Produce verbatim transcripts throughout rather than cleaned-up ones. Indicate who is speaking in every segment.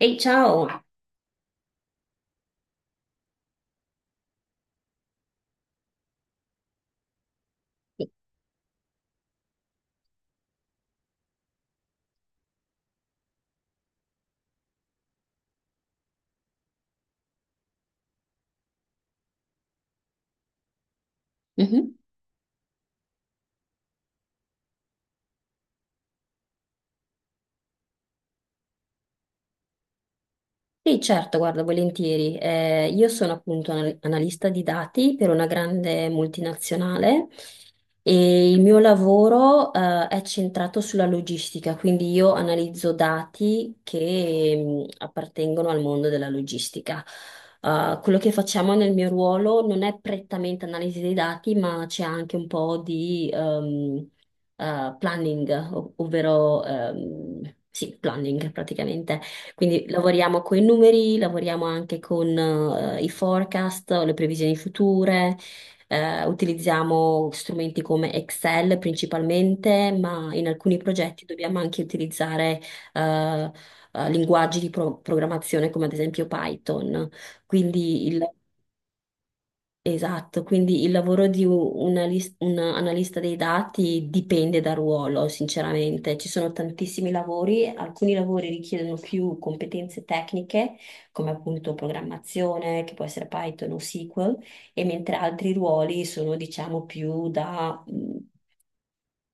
Speaker 1: Ehi, ciao! Mhm. Sì, certo, guarda, volentieri. Eh, io sono appunto anal- analista di dati per una grande multinazionale e il mio lavoro, eh, è centrato sulla logistica, quindi io analizzo dati che, mh, appartengono al mondo della logistica. Eh, quello che facciamo nel mio ruolo non è prettamente analisi dei dati, ma c'è anche un po' di, ehm, eh, planning, ov- ovvero ehm, sì, planning praticamente. Quindi lavoriamo con i numeri, lavoriamo anche con eh, i forecast, le previsioni future, eh, utilizziamo strumenti come Excel principalmente, ma in alcuni progetti dobbiamo anche utilizzare eh, eh, linguaggi di pro- programmazione come ad esempio Python. Quindi il Esatto, quindi il lavoro di u- un alis- un analista dei dati dipende dal ruolo, sinceramente. Ci sono tantissimi lavori, alcuni lavori richiedono più competenze tecniche, come appunto programmazione, che può essere Python o S Q L, e mentre altri ruoli sono, diciamo, più da, mh,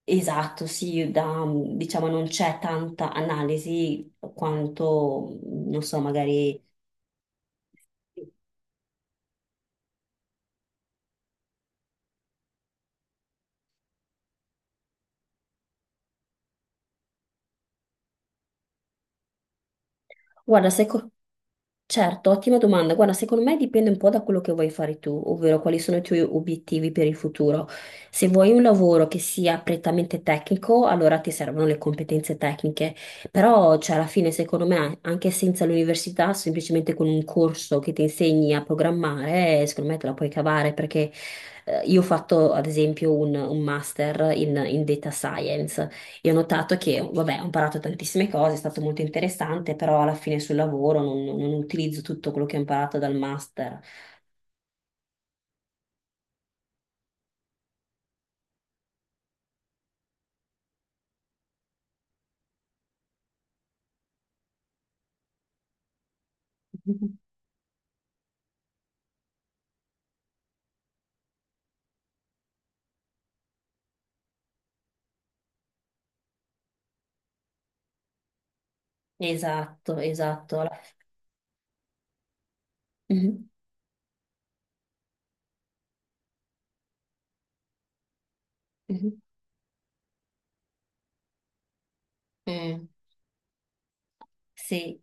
Speaker 1: esatto, sì, da, mh, diciamo, non c'è tanta analisi quanto, mh, non so, magari... Guarda, sai co- Certo, ottima domanda. Guarda, secondo me dipende un po' da quello che vuoi fare tu, ovvero quali sono i tuoi obiettivi per il futuro. Se vuoi un lavoro che sia prettamente tecnico, allora ti servono le competenze tecniche, però cioè, alla fine, secondo me, anche senza l'università, semplicemente con un corso che ti insegni a programmare, secondo me te la puoi cavare perché eh, io ho fatto, ad esempio, un, un master in in data science. E ho notato che, vabbè, ho imparato tantissime cose, è stato molto interessante, però alla fine sul lavoro non, non utilizzo tutto quello che ho imparato dal master. Mhm. Esatto, esatto. Alla- Mhm, mhm. Eh, Sì,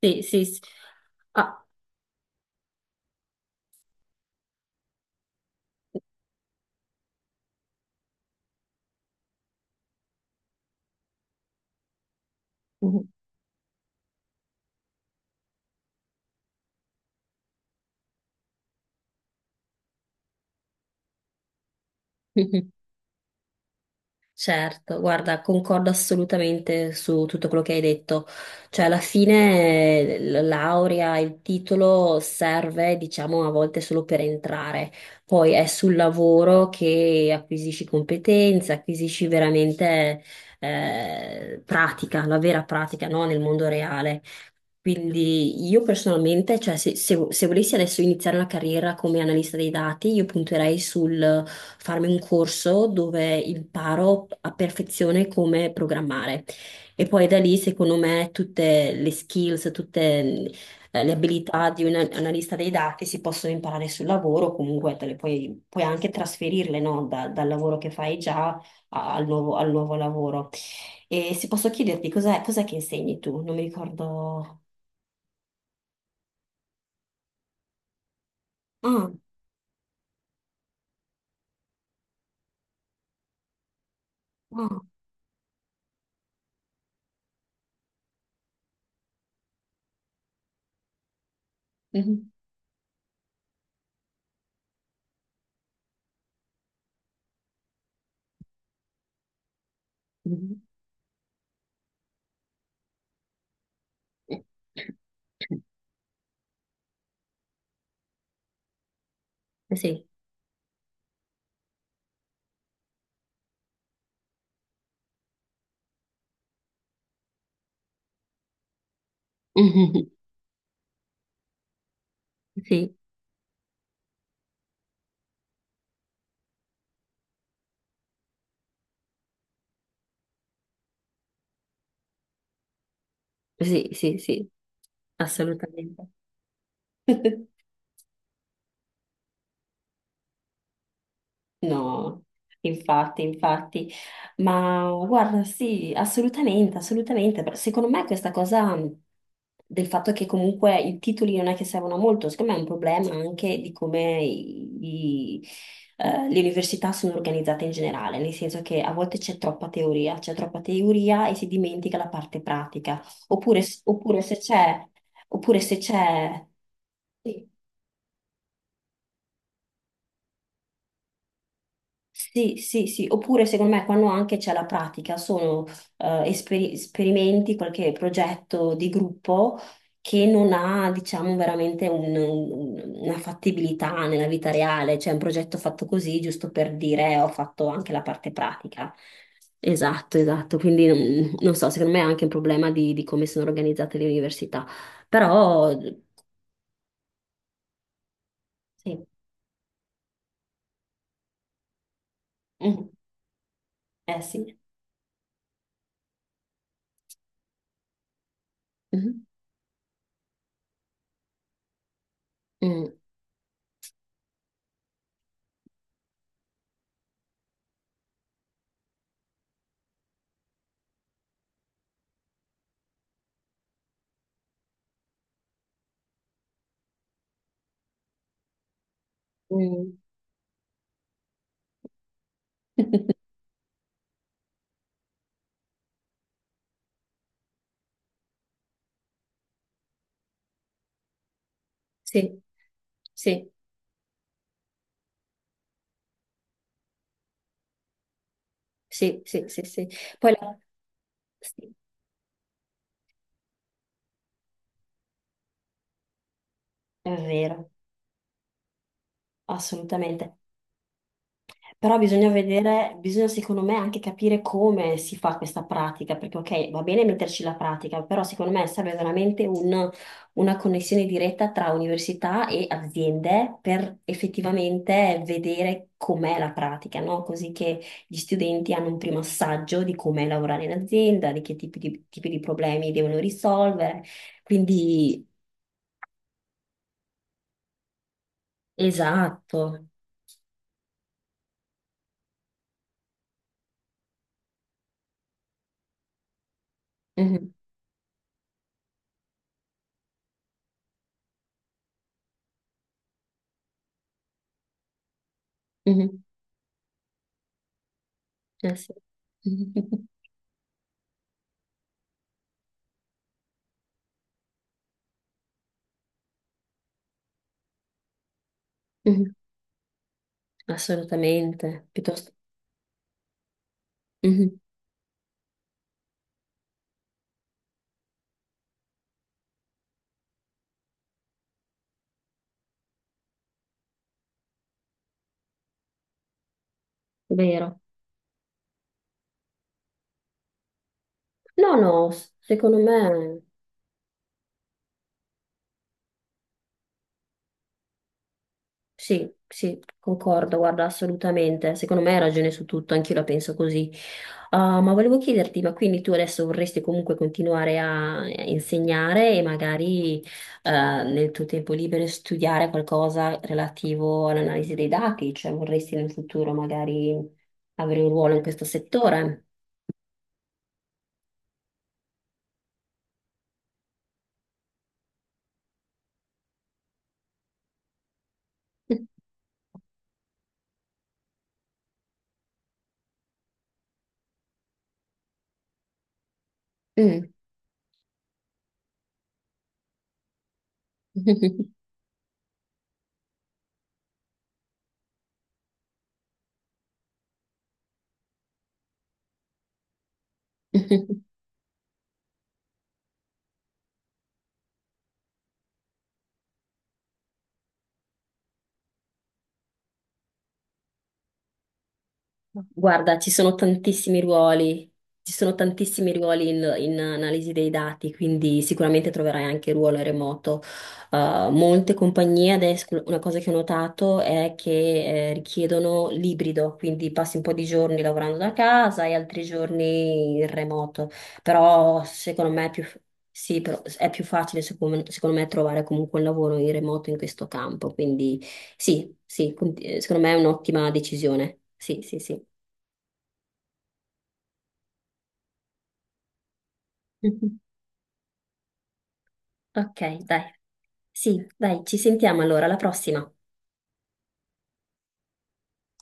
Speaker 1: sì, sì, sì. Ah. Mhm. Certo, guarda, concordo assolutamente su tutto quello che hai detto. Cioè, alla fine eh, la laurea, il titolo serve, diciamo, a volte solo per entrare. Poi è sul lavoro che acquisisci competenze, acquisisci veramente eh, pratica, la vera pratica, no? Nel mondo reale. Quindi io personalmente, cioè se, se- se volessi adesso iniziare una carriera come analista dei dati, io punterei sul farmi un corso dove imparo a perfezione come programmare. E poi da lì, secondo me, tutte le skills, tutte eh, le abilità di un analista dei dati si possono imparare sul lavoro, comunque te le puoi, puoi anche trasferirle, no? Da- dal lavoro che fai già a- al nuovo, al nuovo lavoro. E se posso chiederti, cos'è cos'è che insegni tu? Non mi ricordo. Ah, ah, mhm. Mhm. Sì, mhm. Sì, sì, sì, sì, assolutamente. No, infatti, infatti, ma guarda, sì, assolutamente, assolutamente. Però secondo me questa cosa mh, del fatto che comunque i titoli non è che servono a molto, secondo me è un problema anche di come i- i- eh, le università sono organizzate in generale, nel senso che a volte c'è troppa teoria, c'è troppa teoria e si dimentica la parte pratica, oppure, oppure se c'è, oppure se c'è... Sì, sì, sì, sì, oppure secondo me quando anche c'è la pratica, sono eh, esperi- esperimenti, qualche progetto di gruppo che non ha, diciamo, veramente un- un- una fattibilità nella vita reale, cioè un progetto fatto così, giusto per dire "Eh, ho fatto anche la parte pratica." Esatto, esatto, quindi non, non so, secondo me è anche un problema di, di come sono organizzate le università, però sì, mm, eh sì. Mhm. Mm, mm. Sì, sì. Sì, sì, sì, sì. Poi la- sì, è vero, assolutamente. Però bisogna vedere, bisogna secondo me anche capire come si fa questa pratica, perché ok, va bene metterci la pratica, però secondo me serve veramente un- una connessione diretta tra università e aziende per effettivamente vedere com'è la pratica, no? Così che gli studenti hanno un primo assaggio di com'è lavorare in azienda, di che tipi di tipi di problemi devono risolvere. Quindi, esatto. Mhm, mhm, eh sì. Mhm, mhm, assolutamente, piuttosto. Mhm, vero. No, no, s- secondo me sì, sì, concordo, guarda, assolutamente. Secondo me hai ragione su tutto, anch'io la penso così. Ah, ma volevo chiederti, ma quindi tu adesso vorresti comunque continuare a a insegnare e magari eh, nel tuo tempo libero studiare qualcosa relativo all'analisi dei dati, cioè vorresti nel futuro magari avere un ruolo in questo settore? Mm. Guarda, ci sono tantissimi ruoli, ci sono tantissimi ruoli in, in analisi dei dati, quindi sicuramente troverai anche ruolo remoto. Uh, molte compagnie adesso, una cosa che ho notato è che eh, richiedono l'ibrido, quindi passi un po' di giorni lavorando da casa e altri giorni in remoto, però secondo me è più, sì, però è più facile secondo secondo me trovare comunque un lavoro in remoto in questo campo, quindi sì, sì, con- eh, secondo me è un'ottima decisione. Sì, sì, sì. Ok, dai. Sì, dai, ci sentiamo allora, alla prossima.